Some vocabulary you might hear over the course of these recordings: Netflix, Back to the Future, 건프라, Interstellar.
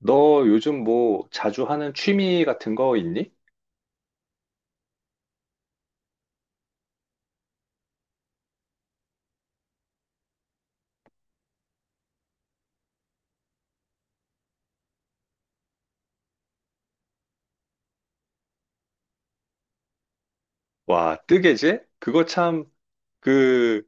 너 요즘 뭐 자주 하는 취미 같은 거 있니? 와, 뜨개질? 그거 참, 그,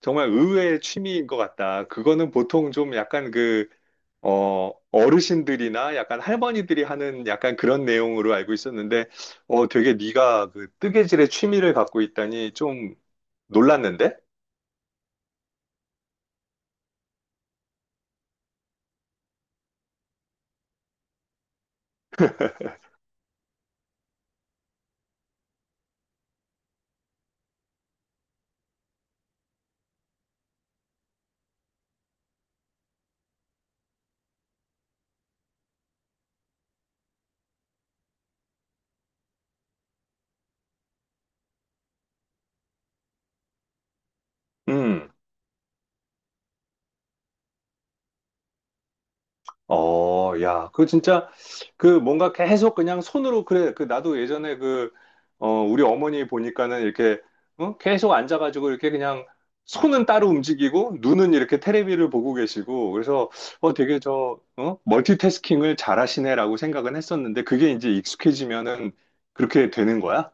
정말 의외의 취미인 것 같다. 그거는 보통 좀 약간 그, 어르신들이나 약간 할머니들이 하는 약간 그런 내용으로 알고 있었는데, 되게 네가 그 뜨개질의 취미를 갖고 있다니 좀 놀랐는데? 음. 야, 그거 진짜, 그 뭔가 계속 그냥 손으로, 그래, 그 나도 예전에 그, 우리 어머니 보니까는 이렇게, 어? 계속 앉아가지고 이렇게 그냥 손은 따로 움직이고, 눈은 이렇게 테레비를 보고 계시고, 그래서, 되게 저, 어? 멀티태스킹을 잘하시네라고 생각은 했었는데, 그게 이제 익숙해지면은 그렇게 되는 거야?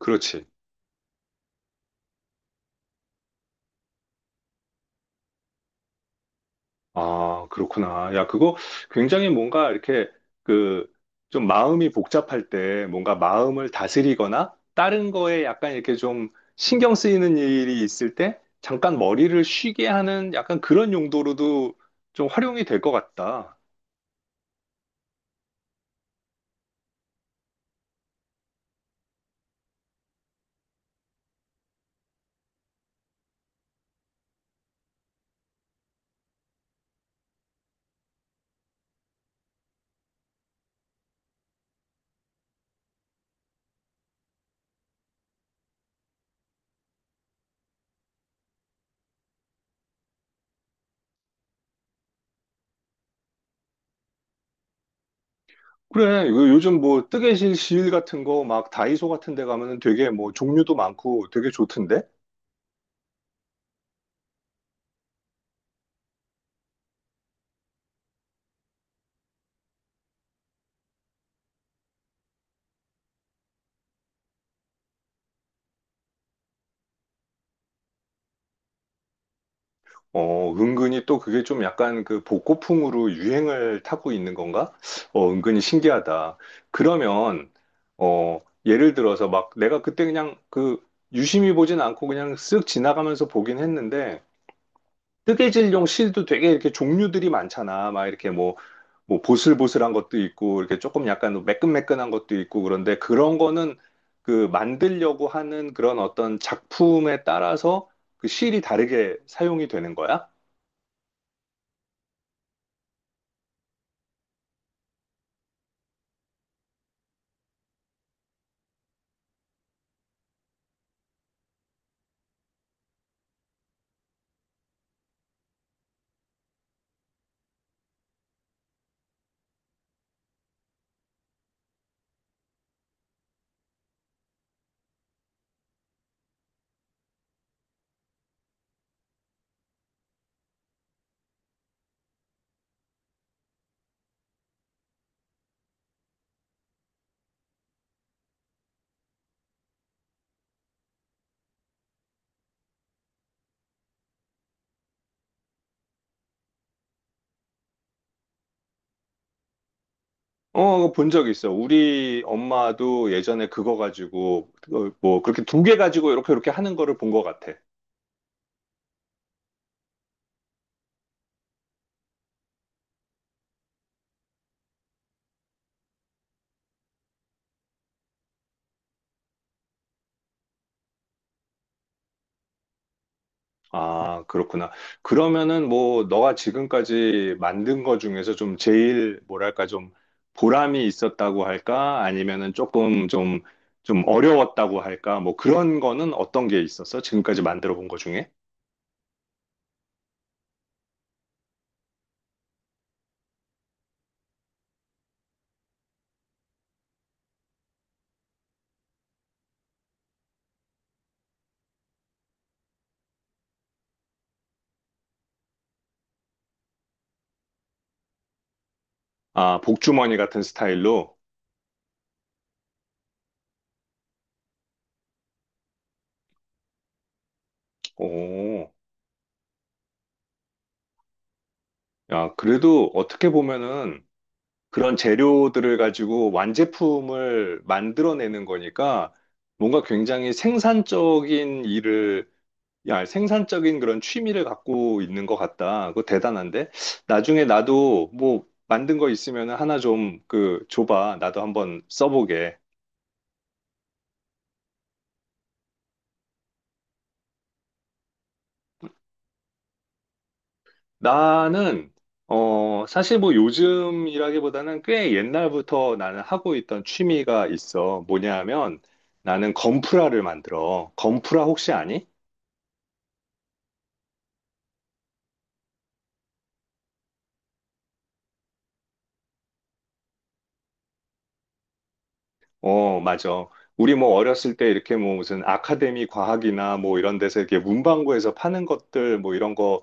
그렇지. 아, 그렇구나. 야, 그거 굉장히 뭔가 이렇게 그 좀 마음이 복잡할 때 뭔가 마음을 다스리거나 다른 거에 약간 이렇게 좀 신경 쓰이는 일이 있을 때 잠깐 머리를 쉬게 하는 약간 그런 용도로도 좀 활용이 될 것 같다. 그래, 요즘 뭐 뜨개질 실 같은 거 막 다이소 같은 데 가면은 되게 뭐 종류도 많고 되게 좋던데? 은근히 또 그게 좀 약간 그 복고풍으로 유행을 타고 있는 건가? 은근히 신기하다. 그러면, 어, 예를 들어서 막 내가 그때 그냥 그 유심히 보진 않고 그냥 쓱 지나가면서 보긴 했는데, 뜨개질용 실도 되게 이렇게 종류들이 많잖아. 막 이렇게 뭐, 뭐 보슬보슬한 것도 있고, 이렇게 조금 약간 매끈매끈한 것도 있고, 그런데 그런 거는 그 만들려고 하는 그런 어떤 작품에 따라서 그 실이 다르게 사용이 되는 거야? 본 적 있어. 우리 엄마도 예전에 그거 가지고, 뭐, 그렇게 2개 가지고 이렇게 이렇게 하는 거를 본 것 같아. 아, 그렇구나. 그러면은 뭐, 너가 지금까지 만든 거 중에서 좀 제일, 뭐랄까, 좀 보람이 있었다고 할까? 아니면은 조금 좀, 좀 어려웠다고 할까? 뭐 그런 거는 어떤 게 있었어? 지금까지 만들어 본 거 중에? 아, 복주머니 같은 스타일로? 오, 야, 그래도 어떻게 보면은, 그런 재료들을 가지고 완제품을 만들어내는 거니까 뭔가 굉장히 생산적인 일을, 야, 생산적인 그런 취미를 갖고 있는 것 같다. 그거 대단한데? 나중에 나도 뭐 만든 거 있으면 하나 좀 그 줘봐. 나도 한번 써보게. 나는, 사실 뭐 요즘이라기보다는 꽤 옛날부터 나는 하고 있던 취미가 있어. 뭐냐 하면 나는 건프라를 만들어. 건프라 혹시 아니? 어, 맞아. 우리 뭐 어렸을 때 이렇게 뭐 무슨 아카데미 과학이나 뭐 이런 데서 이렇게 문방구에서 파는 것들 뭐 이런 거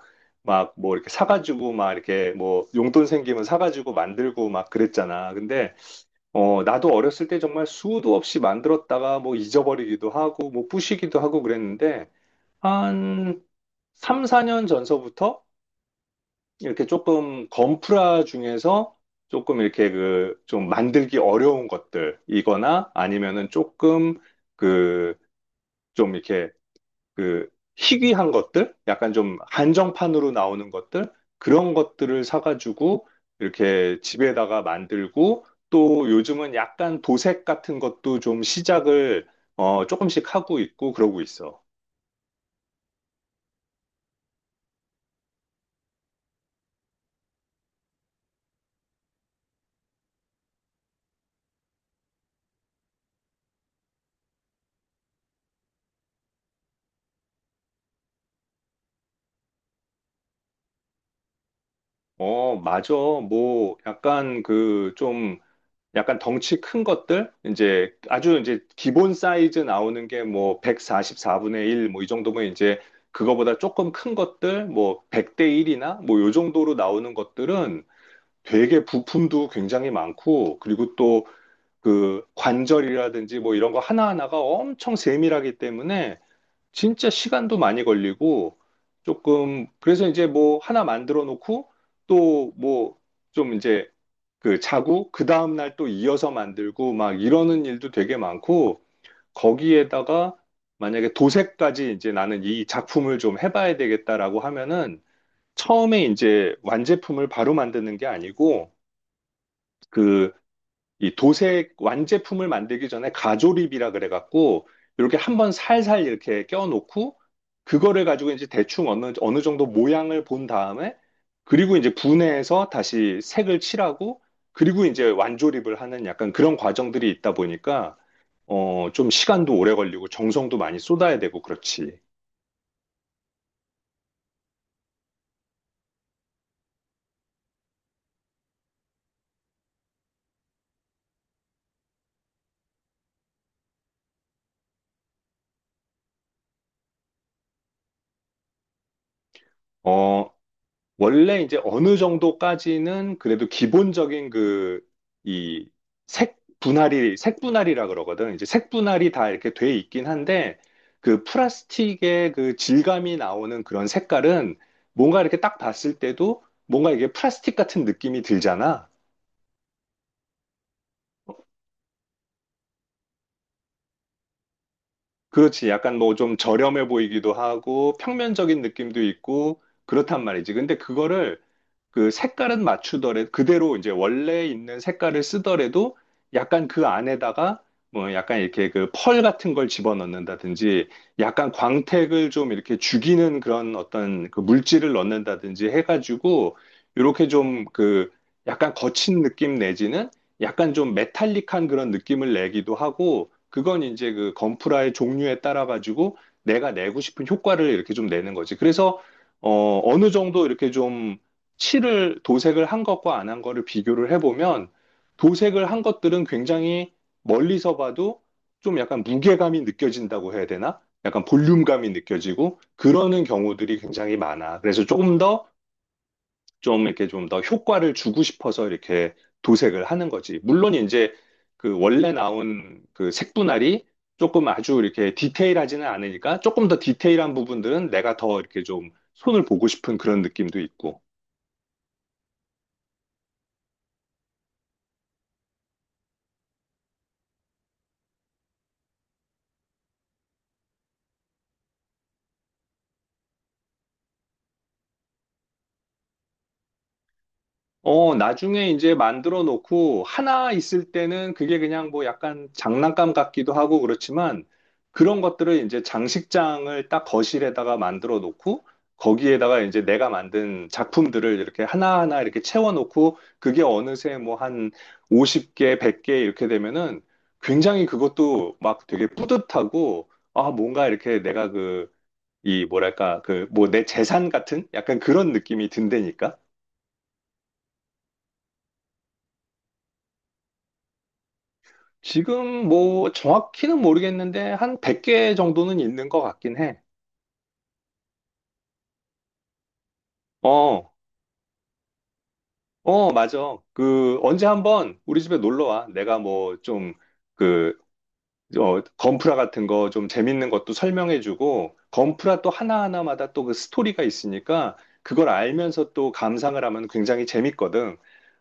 막 뭐 이렇게 사가지고 막 이렇게 뭐 용돈 생기면 사가지고 만들고 막 그랬잖아. 근데 나도 어렸을 때 정말 수도 없이 만들었다가 뭐 잊어버리기도 하고 뭐 부시기도 하고 그랬는데 한 3, 4년 전서부터 이렇게 조금 건프라 중에서 조금 이렇게 그 좀 만들기 어려운 것들이거나 아니면은 조금 그 좀 이렇게 그 희귀한 것들, 약간 좀 한정판으로 나오는 것들 그런 것들을 사가지고 이렇게 집에다가 만들고 또 요즘은 약간 도색 같은 것도 좀 시작을 조금씩 하고 있고 그러고 있어. 어, 맞아. 뭐 약간 그좀 약간 덩치 큰 것들 이제 아주 이제 기본 사이즈 나오는 게 뭐 144분의 1 뭐 이 정도면 이제 그거보다 조금 큰 것들 뭐 100대 1이나 뭐 요 정도로 나오는 것들은 되게 부품도 굉장히 많고 그리고 또 그 관절이라든지 뭐 이런 거 하나하나가 엄청 세밀하기 때문에 진짜 시간도 많이 걸리고 조금 그래서 이제 뭐 하나 만들어 놓고 또 뭐 좀 이제 그 차고 그 다음 날 또 이어서 만들고 막 이러는 일도 되게 많고 거기에다가 만약에 도색까지 이제 나는 이 작품을 좀 해봐야 되겠다라고 하면은 처음에 이제 완제품을 바로 만드는 게 아니고 그 이 도색 완제품을 만들기 전에 가조립이라 그래갖고 이렇게 한번 살살 이렇게 껴놓고 그거를 가지고 이제 대충 어느 정도 모양을 본 다음에 그리고 이제 분해해서 다시 색을 칠하고 그리고 이제 완조립을 하는 약간 그런 과정들이 있다 보니까 좀 시간도 오래 걸리고 정성도 많이 쏟아야 되고 그렇지. 어, 원래 이제 어느 정도까지는 그래도 기본적인 그, 이 색 분할이라 그러거든. 이제 색 분할이 다 이렇게 돼 있긴 한데, 그 플라스틱의 그 질감이 나오는 그런 색깔은 뭔가 이렇게 딱 봤을 때도 뭔가 이게 플라스틱 같은 느낌이 들잖아. 그렇지. 약간 뭐 좀 저렴해 보이기도 하고, 평면적인 느낌도 있고, 그렇단 말이지. 근데 그거를 그 색깔은 맞추더라도 그대로 이제 원래 있는 색깔을 쓰더라도 약간 그 안에다가 뭐 약간 이렇게 그 펄 같은 걸 집어넣는다든지 약간 광택을 좀 이렇게 죽이는 그런 어떤 그 물질을 넣는다든지 해가지고 이렇게 좀 그 약간 거친 느낌 내지는 약간 좀 메탈릭한 그런 느낌을 내기도 하고 그건 이제 그 건프라의 종류에 따라 가지고 내가 내고 싶은 효과를 이렇게 좀 내는 거지. 그래서 어느 정도 이렇게 좀 칠을 도색을 한 것과 안 한 거를 비교를 해보면 도색을 한 것들은 굉장히 멀리서 봐도 좀 약간 무게감이 느껴진다고 해야 되나? 약간 볼륨감이 느껴지고 그러는 경우들이 굉장히 많아. 그래서 조금 더 좀 이렇게 좀 더 효과를 주고 싶어서 이렇게 도색을 하는 거지. 물론 이제 그 원래 나온 그 색분할이 조금 아주 이렇게 디테일하지는 않으니까 조금 더 디테일한 부분들은 내가 더 이렇게 좀 손을 보고 싶은 그런 느낌도 있고. 나중에 이제 만들어 놓고 하나 있을 때는 그게 그냥 뭐 약간 장난감 같기도 하고 그렇지만 그런 것들을 이제 장식장을 딱 거실에다가 만들어 놓고 거기에다가 이제 내가 만든 작품들을 이렇게 하나하나 이렇게 채워 놓고 그게 어느새 뭐 한 50개, 100개 이렇게 되면은 굉장히 그것도 막 되게 뿌듯하고 아, 뭔가 이렇게 내가 그 이 뭐랄까 그 뭐 내 재산 같은 약간 그런 느낌이 든다니까. 지금 뭐 정확히는 모르겠는데 한 100개 정도는 있는 것 같긴 해. 어, 어, 맞아. 그 언제 한번 우리 집에 놀러 와. 내가 뭐 좀 그, 건프라 같은 거 좀 재밌는 것도 설명해주고 건프라 또 하나하나마다 또 그 스토리가 있으니까 그걸 알면서 또 감상을 하면 굉장히 재밌거든.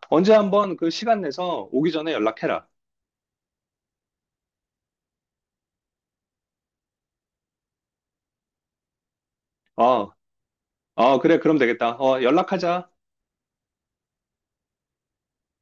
언제 한번 그 시간 내서 오기 전에 연락해라. 어, 어, 그래, 그럼 되겠다. 어, 연락하자.